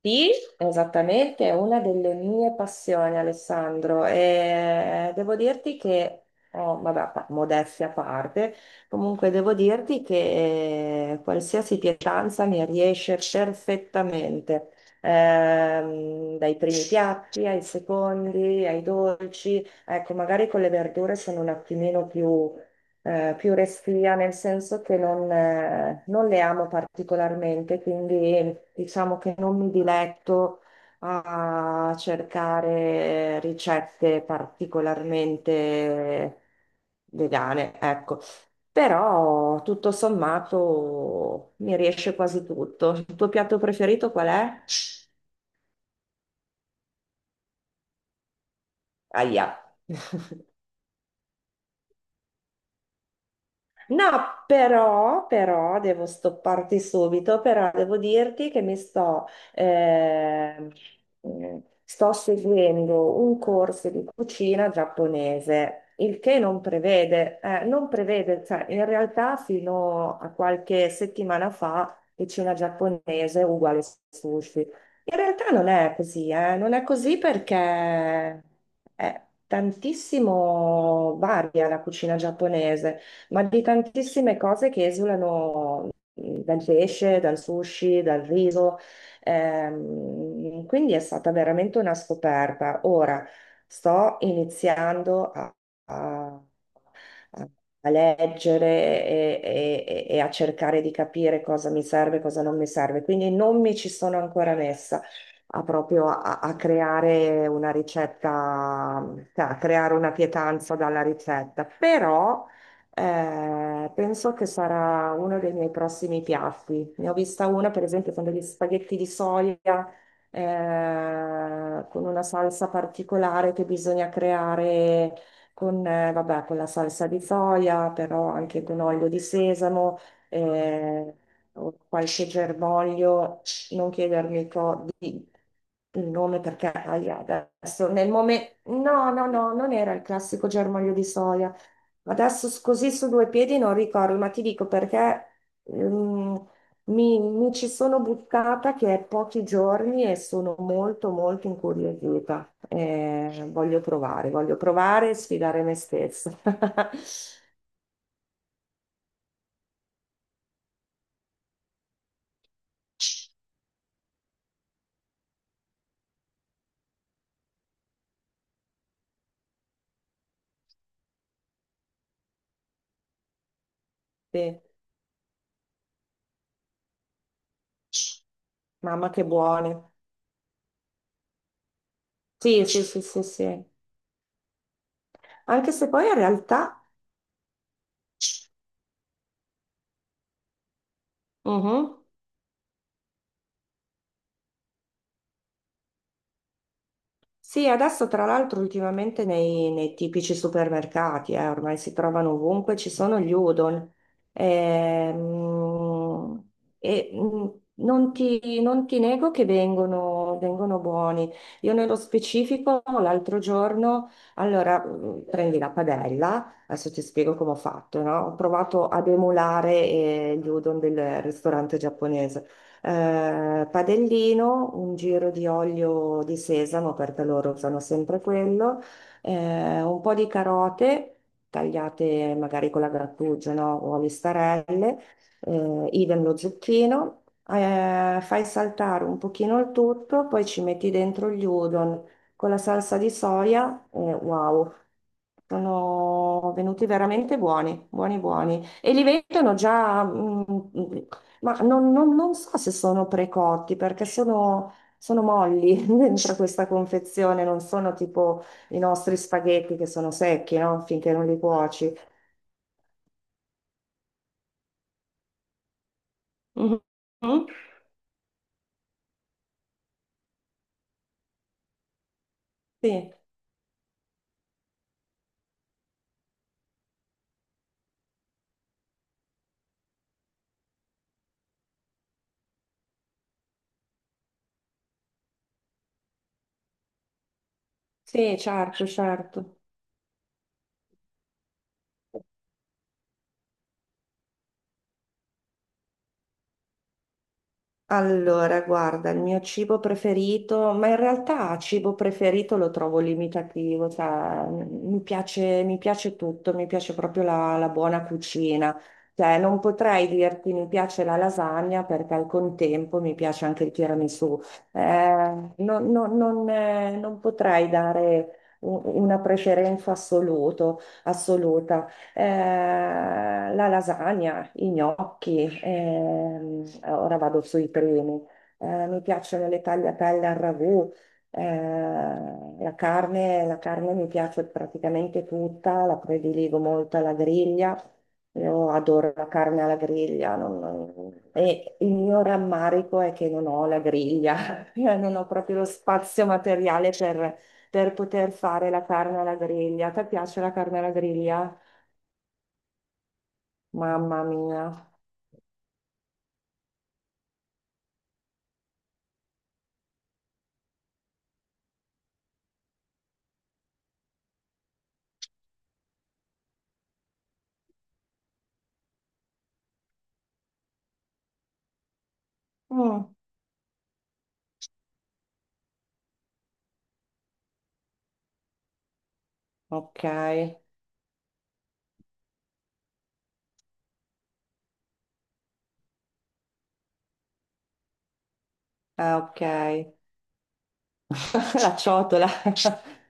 Sì, esattamente, è una delle mie passioni, Alessandro, e devo dirti che, oh, vabbè, modestia a parte, comunque devo dirti che qualsiasi pietanza mi riesce perfettamente. Dai primi piatti ai secondi, ai dolci, ecco, magari con le verdure sono un attimino più più restia, nel senso che non le amo particolarmente, quindi diciamo che non mi diletto a cercare ricette particolarmente vegane, ecco. Però tutto sommato mi riesce quasi tutto. Il tuo piatto preferito qual è? Aia. No, però devo stopparti subito, però devo dirti che ehm, sto seguendo un corso di cucina giapponese, il che non prevede, cioè in realtà fino a qualche settimana fa cucina giapponese è uguale sushi. In realtà non è così, non è così perché tantissimo varia la cucina giapponese ma di tantissime cose che esulano dal pesce, dal sushi, dal riso. Quindi è stata veramente una scoperta. Ora sto iniziando a- a- a leggere e a cercare di capire cosa mi serve e cosa non mi serve. Quindi non mi ci sono ancora messa a a creare una ricetta, cioè a creare una pietanza dalla ricetta, però penso che sarà uno dei miei prossimi piatti. Ne ho vista una, per esempio, con degli spaghetti di soia, con una salsa particolare che bisogna creare con, vabbè, con la salsa di soia, però anche con olio di sesamo, eh, o qualche germoglio. Non chiedermi il nome perché ahia, adesso nel momento... No, no, no, non era il classico germoglio di soia. Adesso così su due piedi non ricordo, ma ti dico perché ehm, mi ci sono buttata che è pochi giorni e sono molto molto incuriosita. Voglio provare e sfidare me stessa. Sì, mamma che buone. Sì, sì, sì, sì, sì. Anche se poi in realtà... Mhm. Sì, adesso tra l'altro ultimamente nei tipici supermercati, ormai si trovano ovunque, ci sono gli udon. Ehm, E, mm, non ti nego che vengono buoni. Io nello specifico l'altro giorno, prendi la padella, adesso ti spiego come ho fatto, no? Ho provato ad emulare gli udon del ristorante giapponese. Eh, padellino, un giro di olio di sesamo perché loro usano sempre quello, un po' di carote tagliate magari con la grattugia, no? O a listarelle, idem lo zucchino, fai saltare un pochino il tutto, poi ci metti dentro gli udon con la salsa di soia e wow, sono venuti veramente buoni, buoni, buoni. E li vendono già, ma non so se sono precotti perché sono molli dentro questa confezione, non sono tipo i nostri spaghetti che sono secchi, no? Finché non li cuoci. Mhm. Sì, sì, certo, certo. Allora, guarda, il mio cibo preferito, ma in realtà cibo preferito lo trovo limitativo, cioè, mi piace tutto, mi piace proprio la buona cucina. Cioè, non potrei dirti mi piace la lasagna perché al contempo mi piace anche il tiramisù. Eh, Non potrei dare una assoluta. La lasagna, i gnocchi, ora vado sui primi. Mi piacciono le tagliatelle al ragù, eh, la carne mi piace praticamente tutta, la prediligo molto alla griglia. Io adoro la carne alla griglia, e il mio rammarico è che non ho la griglia. Io non ho proprio lo spazio materiale per poter fare la carne alla griglia. Ti piace la carne alla griglia? Mamma mia. Mm, ok, ah, ok. La ciotola.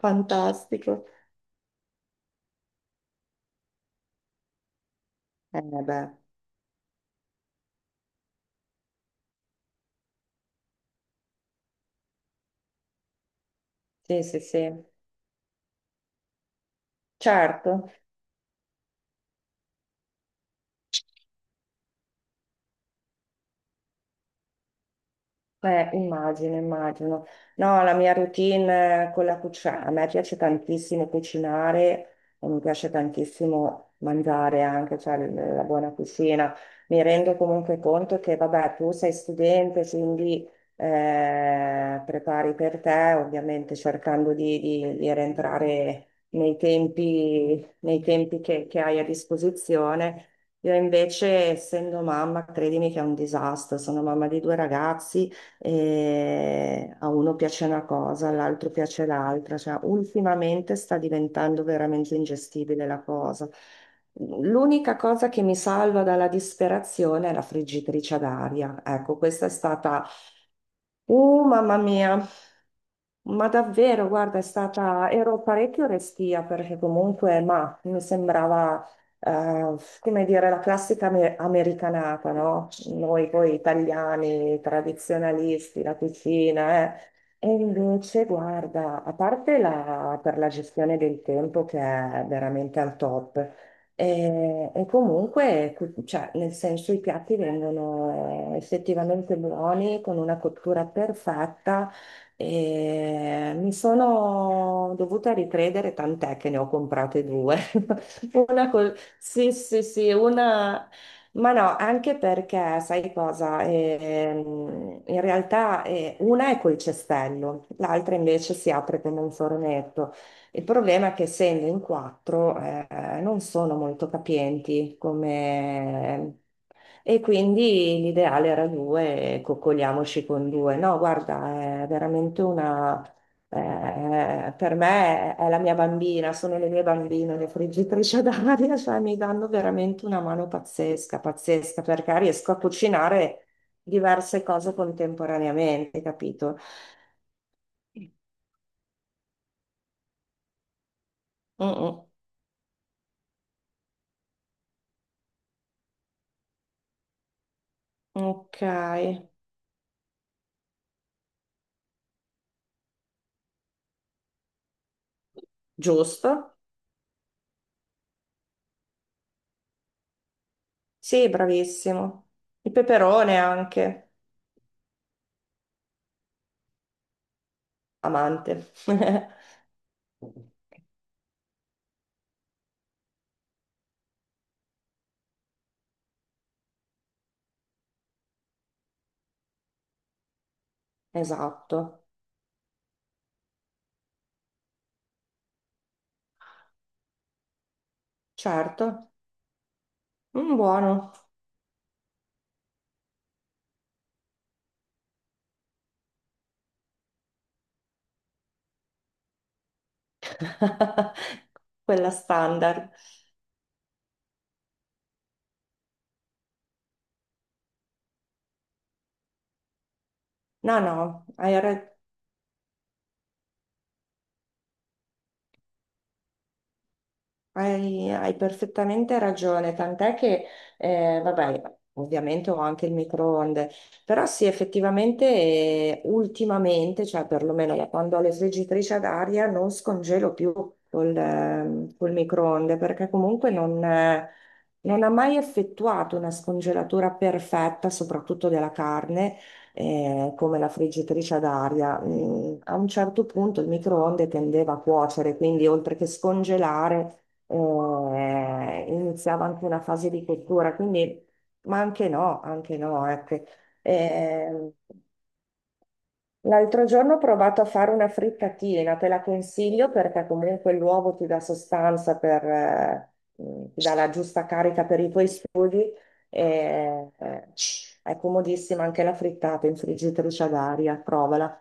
Fantastico. Eh beh, sì, sì, sì. Certo. Immagino, immagino. No, la mia routine con la cucina, a me piace tantissimo cucinare e mi piace tantissimo mangiare anche, cioè la buona cucina. Mi rendo comunque conto che, vabbè, tu sei studente, quindi prepari per te, ovviamente cercando di rientrare nei tempi che hai a disposizione. Io invece, essendo mamma, credimi che è un disastro. Sono mamma di due ragazzi e a uno piace una cosa, all'altro piace l'altra, cioè ultimamente sta diventando veramente ingestibile la cosa. L'unica cosa che mi salva dalla disperazione è la friggitrice ad aria. Ecco, questa è stata, mamma mia. Ma davvero, guarda, è stata, ero parecchio restia perché comunque, ma mi sembrava, come dire, la classica americanata, no? Noi poi italiani, tradizionalisti, la cucina, eh. E invece, guarda, a parte per la gestione del tempo che è veramente al top, e comunque, cioè, nel senso, i piatti vengono effettivamente buoni, con una cottura perfetta. E mi sono dovuta ricredere, tant'è che ne ho comprate due. Una col... Sì, sì, sì, una... Ma no, anche perché, sai cosa? In realtà una è col cestello, l'altra invece si apre come un fornetto. Il problema è che essendo in quattro non sono molto capienti come... e quindi l'ideale era due, coccoliamoci con due. No, guarda, è veramente una... per me è la mia bambina, sono le mie bambine, le friggitrici ad aria, cioè mi danno veramente una mano pazzesca, pazzesca, perché riesco a cucinare diverse cose contemporaneamente, capito? Mm, mm. Ok. Giusto? Sì, bravissimo. Il peperone anche, amante. Esatto, certo. Mm, buono. Quella standard. No, no, hai ragione. Hai perfettamente ragione, tant'è che, vabbè, ovviamente ho anche il microonde, però sì, effettivamente, ultimamente, cioè perlomeno da quando ho le friggitrici ad aria, non scongelo più col, col microonde, perché comunque non, non ha mai effettuato una scongelatura perfetta, soprattutto della carne, come la friggitrice ad aria. Mm, a un certo punto il microonde tendeva a cuocere, quindi oltre che scongelare iniziava anche una fase di cottura, quindi, ma anche no, ecco. Eh, l'altro giorno ho provato a fare una frittatina, te la consiglio perché comunque l'uovo ti dà sostanza per, ti dà la giusta carica per i tuoi studi. e, eh, è comodissima anche la frittata in friggitrice ad aria, provala.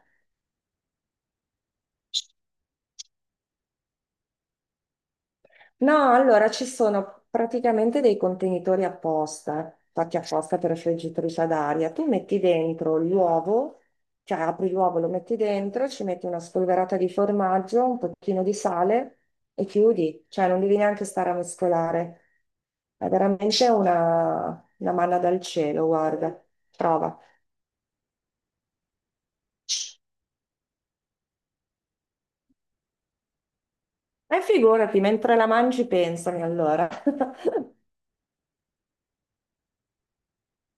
No, allora ci sono praticamente dei contenitori apposta, fatti apposta per la friggitrice ad aria. Tu metti dentro l'uovo, cioè apri l'uovo, lo metti dentro, ci metti una spolverata di formaggio, un pochino di sale e chiudi, cioè non devi neanche stare a mescolare. È veramente una manna dal cielo, guarda, prova. E figurati, mentre la mangi pensami allora.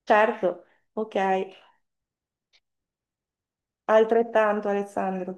Certo, ok, altrettanto Alessandro.